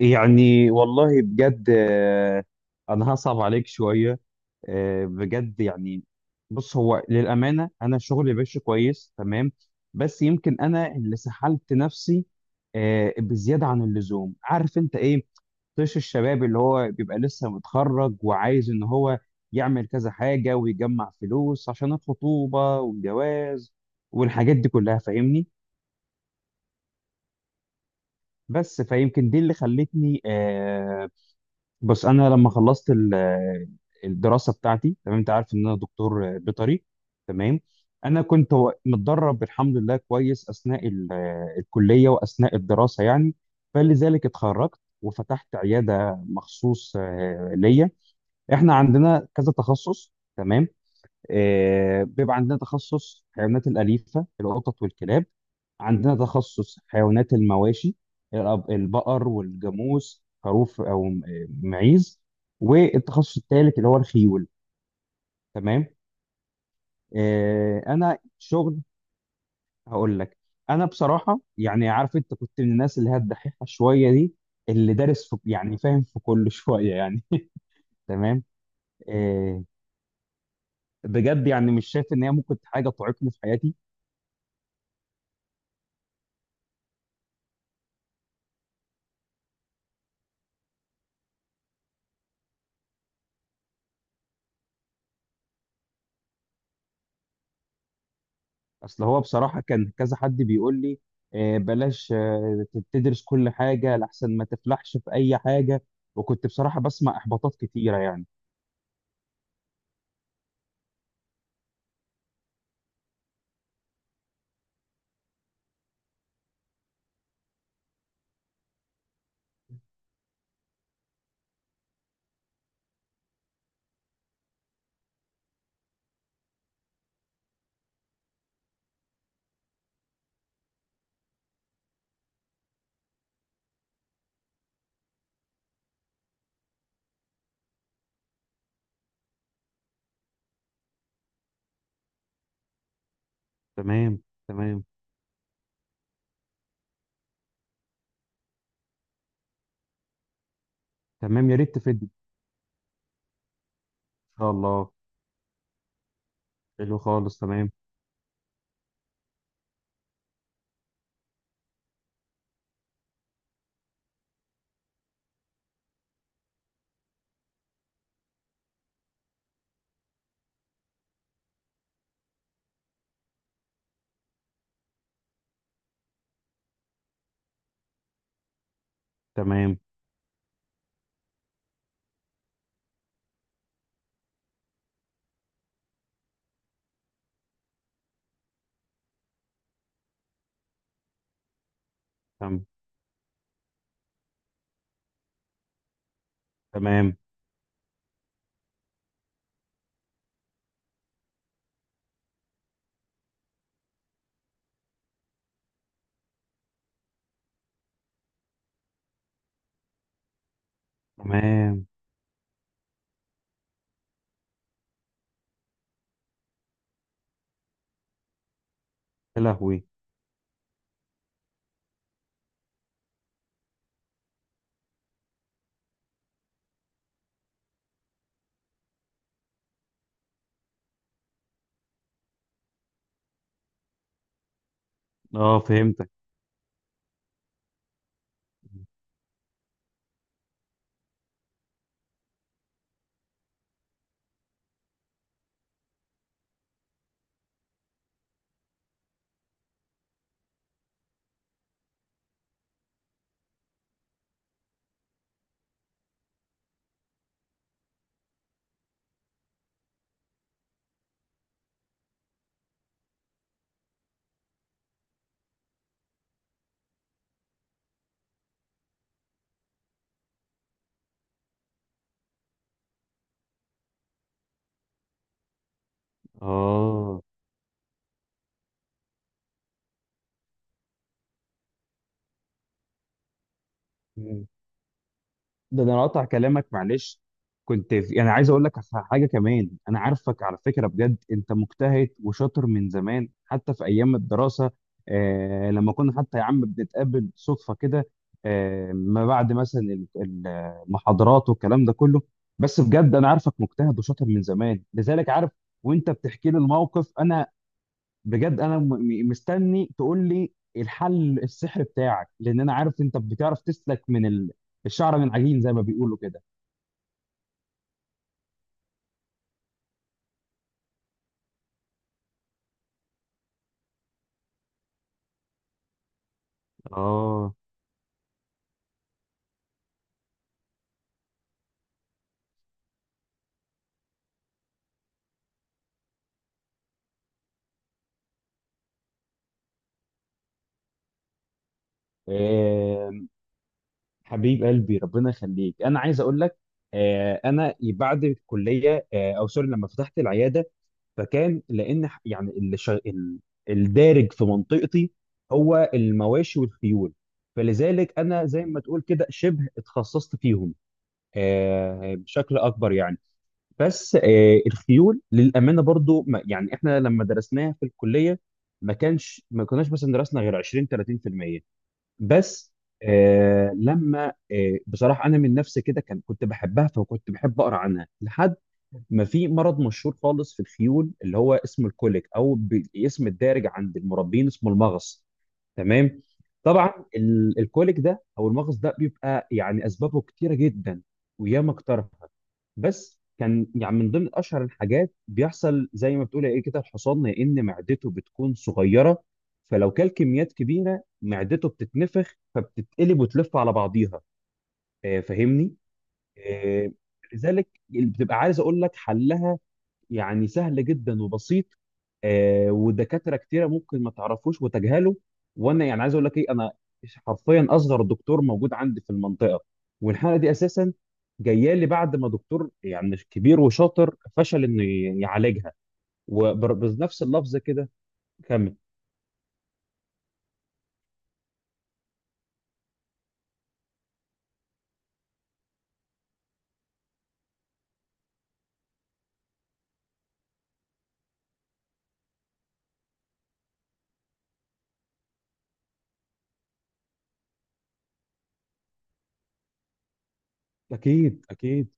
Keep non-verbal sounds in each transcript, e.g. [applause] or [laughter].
يعني والله بجد آه، انا هصعب عليك شويه. آه، بجد يعني بص، هو للامانه انا شغلي ماشي كويس، تمام. بس يمكن انا اللي سحلت نفسي، بزياده عن اللزوم. عارف انت ايه؟ طيش الشباب اللي هو بيبقى لسه متخرج وعايز ان هو يعمل كذا حاجه ويجمع فلوس عشان الخطوبه والجواز والحاجات دي كلها، فاهمني. بس فيمكن دي اللي خلتني بس انا لما خلصت الدراسه بتاعتي. تمام، انت عارف ان انا دكتور بيطري. تمام. انا كنت متدرب الحمد لله كويس اثناء الكليه واثناء الدراسه يعني. فلذلك اتخرجت وفتحت عياده مخصوص ليا. احنا عندنا كذا تخصص، تمام. بيبقى عندنا تخصص حيوانات الأليفة، القطط والكلاب. عندنا تخصص حيوانات المواشي، البقر والجاموس، خروف، أو معيز. والتخصص الثالث اللي هو الخيول. تمام. آه، أنا شغل هقول لك. أنا بصراحة يعني، عارف أنت كنت من الناس اللي هي الدحيحة شوية دي، اللي دارس في، يعني فاهم في كل [laughs] شوية يعني. تمام. آه، بجد يعني مش شايف إن هي ممكن حاجة تعيقني في حياتي. اصل هو بصراحه كان كذا حد بيقول لي بلاش تدرس كل حاجه لحسن ما تفلحش في اي حاجه. وكنت بصراحه بسمع احباطات كتيره يعني. تمام، تمام، تمام، يا ريت تفيدني. ان شاء الله. حلو خالص، تمام. تمام. تمام. تمام. تمام. يا لهوي. اه، فهمتك. اه، ده انا قاطع كلامك معلش، كنت في يعني عايز اقول لك حاجه كمان. انا عارفك على فكره، بجد انت مجتهد وشاطر من زمان حتى في ايام الدراسه. آه، لما كنا حتى يا عم بنتقابل صدفه كده آه، ما بعد مثلا المحاضرات والكلام ده كله. بس بجد انا عارفك مجتهد وشاطر من زمان، لذلك عارف. وانت بتحكي لي الموقف، انا بجد انا مستني تقول لي الحل السحر بتاعك، لان انا عارف انت بتعرف تسلك من الشعر من عجين زي ما بيقولوا كده. اه. آه، حبيب قلبي ربنا يخليك، انا عايز اقول لك، انا بعد الكليه او سوري لما فتحت العياده، فكان لان الدارج في منطقتي هو المواشي والخيول. فلذلك انا زي ما تقول كده شبه اتخصصت فيهم بشكل اكبر يعني. بس الخيول للامانه برضو يعني احنا لما درسناها في الكليه، ما كناش مثلا درسنا غير 20 30%. بس آه، لما آه، بصراحه انا من نفسي كده كنت بحبها فكنت بحب اقرا عنها لحد ما في مرض مشهور خالص في الخيول اللي هو اسمه الكوليك، او باسم الدارج عند المربين اسمه المغص. تمام. طبعا الكوليك ده او المغص ده بيبقى يعني اسبابه كتيره جدا. وياما اقترحت. بس كان يعني من ضمن اشهر الحاجات بيحصل، زي ما بتقول ايه كده، الحصان يا ان معدته بتكون صغيره، فلو كل كميات كبيره معدته بتتنفخ فبتتقلب وتلف على بعضيها، فاهمني. آه، لذلك بتبقى عايز اقول لك حلها يعني سهل جدا وبسيط. آه، ودكاتره كتيره ممكن ما تعرفوش وتجهله. وانا يعني عايز اقول لك ايه، انا حرفيا اصغر دكتور موجود عندي في المنطقه. والحاله دي اساسا جايه لي بعد ما دكتور يعني مش كبير وشاطر فشل انه يعالجها، وبنفس اللفظ كده. كمل. اكيد اكيد.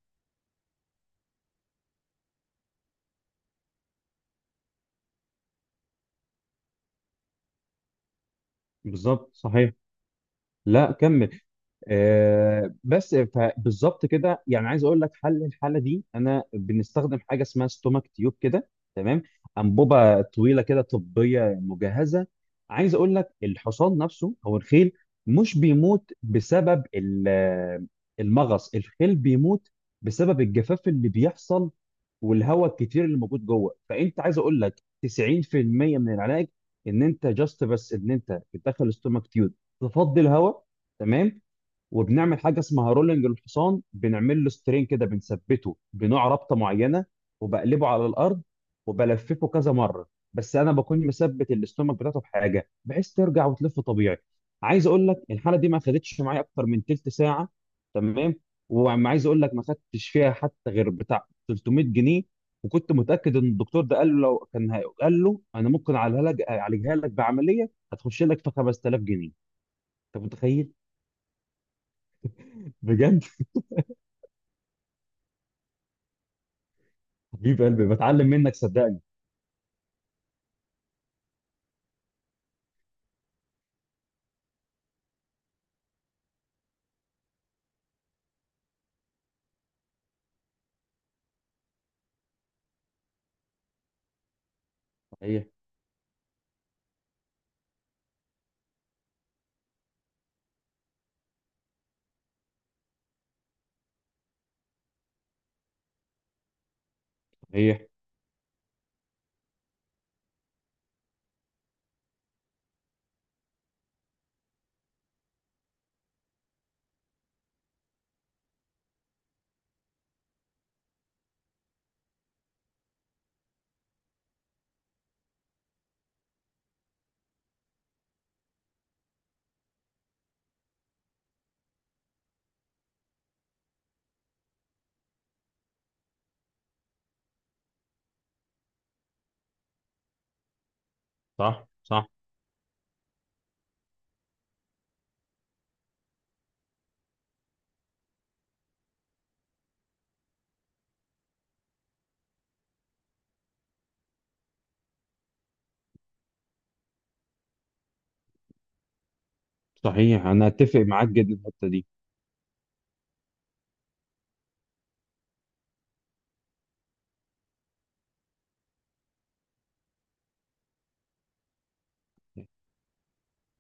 بالظبط صحيح. لا كمل. بالظبط كده، يعني عايز اقول لك حل الحاله دي انا بنستخدم حاجه اسمها ستومك تيوب كده. تمام. انبوبه طويله كده طبيه مجهزه. عايز اقول لك الحصان نفسه او الخيل مش بيموت بسبب المغص، الخيل بيموت بسبب الجفاف اللي بيحصل والهواء الكتير اللي موجود جوه. فانت عايز اقول لك 90% من العلاج ان انت جاست بس ان انت بتدخل ستومك تيوب تفضي الهواء. تمام. وبنعمل حاجه اسمها رولنج الحصان، بنعمل له سترين كده، بنثبته بنوع رابطه معينه وبقلبه على الارض وبلففه كذا مره. بس انا بكون مثبت الاستومك بتاعته بحاجه بحيث ترجع وتلف طبيعي. عايز اقول لك الحاله دي ما خدتش معايا اكتر من تلت ساعه. تمام. وعايز اقول لك ما خدتش فيها حتى غير بتاع 300 جنيه. وكنت متاكد ان الدكتور ده قال له لو كان هي- قال له انا ممكن اعالجها لك، أعالجها لك بعمليه هتخش لك في 5000 جنيه. انت متخيل؟ بجد حبيب قلبي بتعلم منك صدقني. صحيح صحيح. صح صح. صحيح انا اتفق معاك جدا في الحته دي.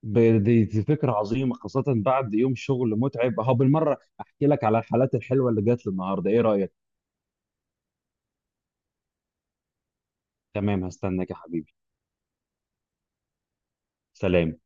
دي فكره عظيمه، خاصه بعد يوم شغل متعب اهو بالمره احكي لك على الحالات الحلوه اللي جات لي النهارده. ايه رايك؟ تمام هستناك يا حبيبي. سلام.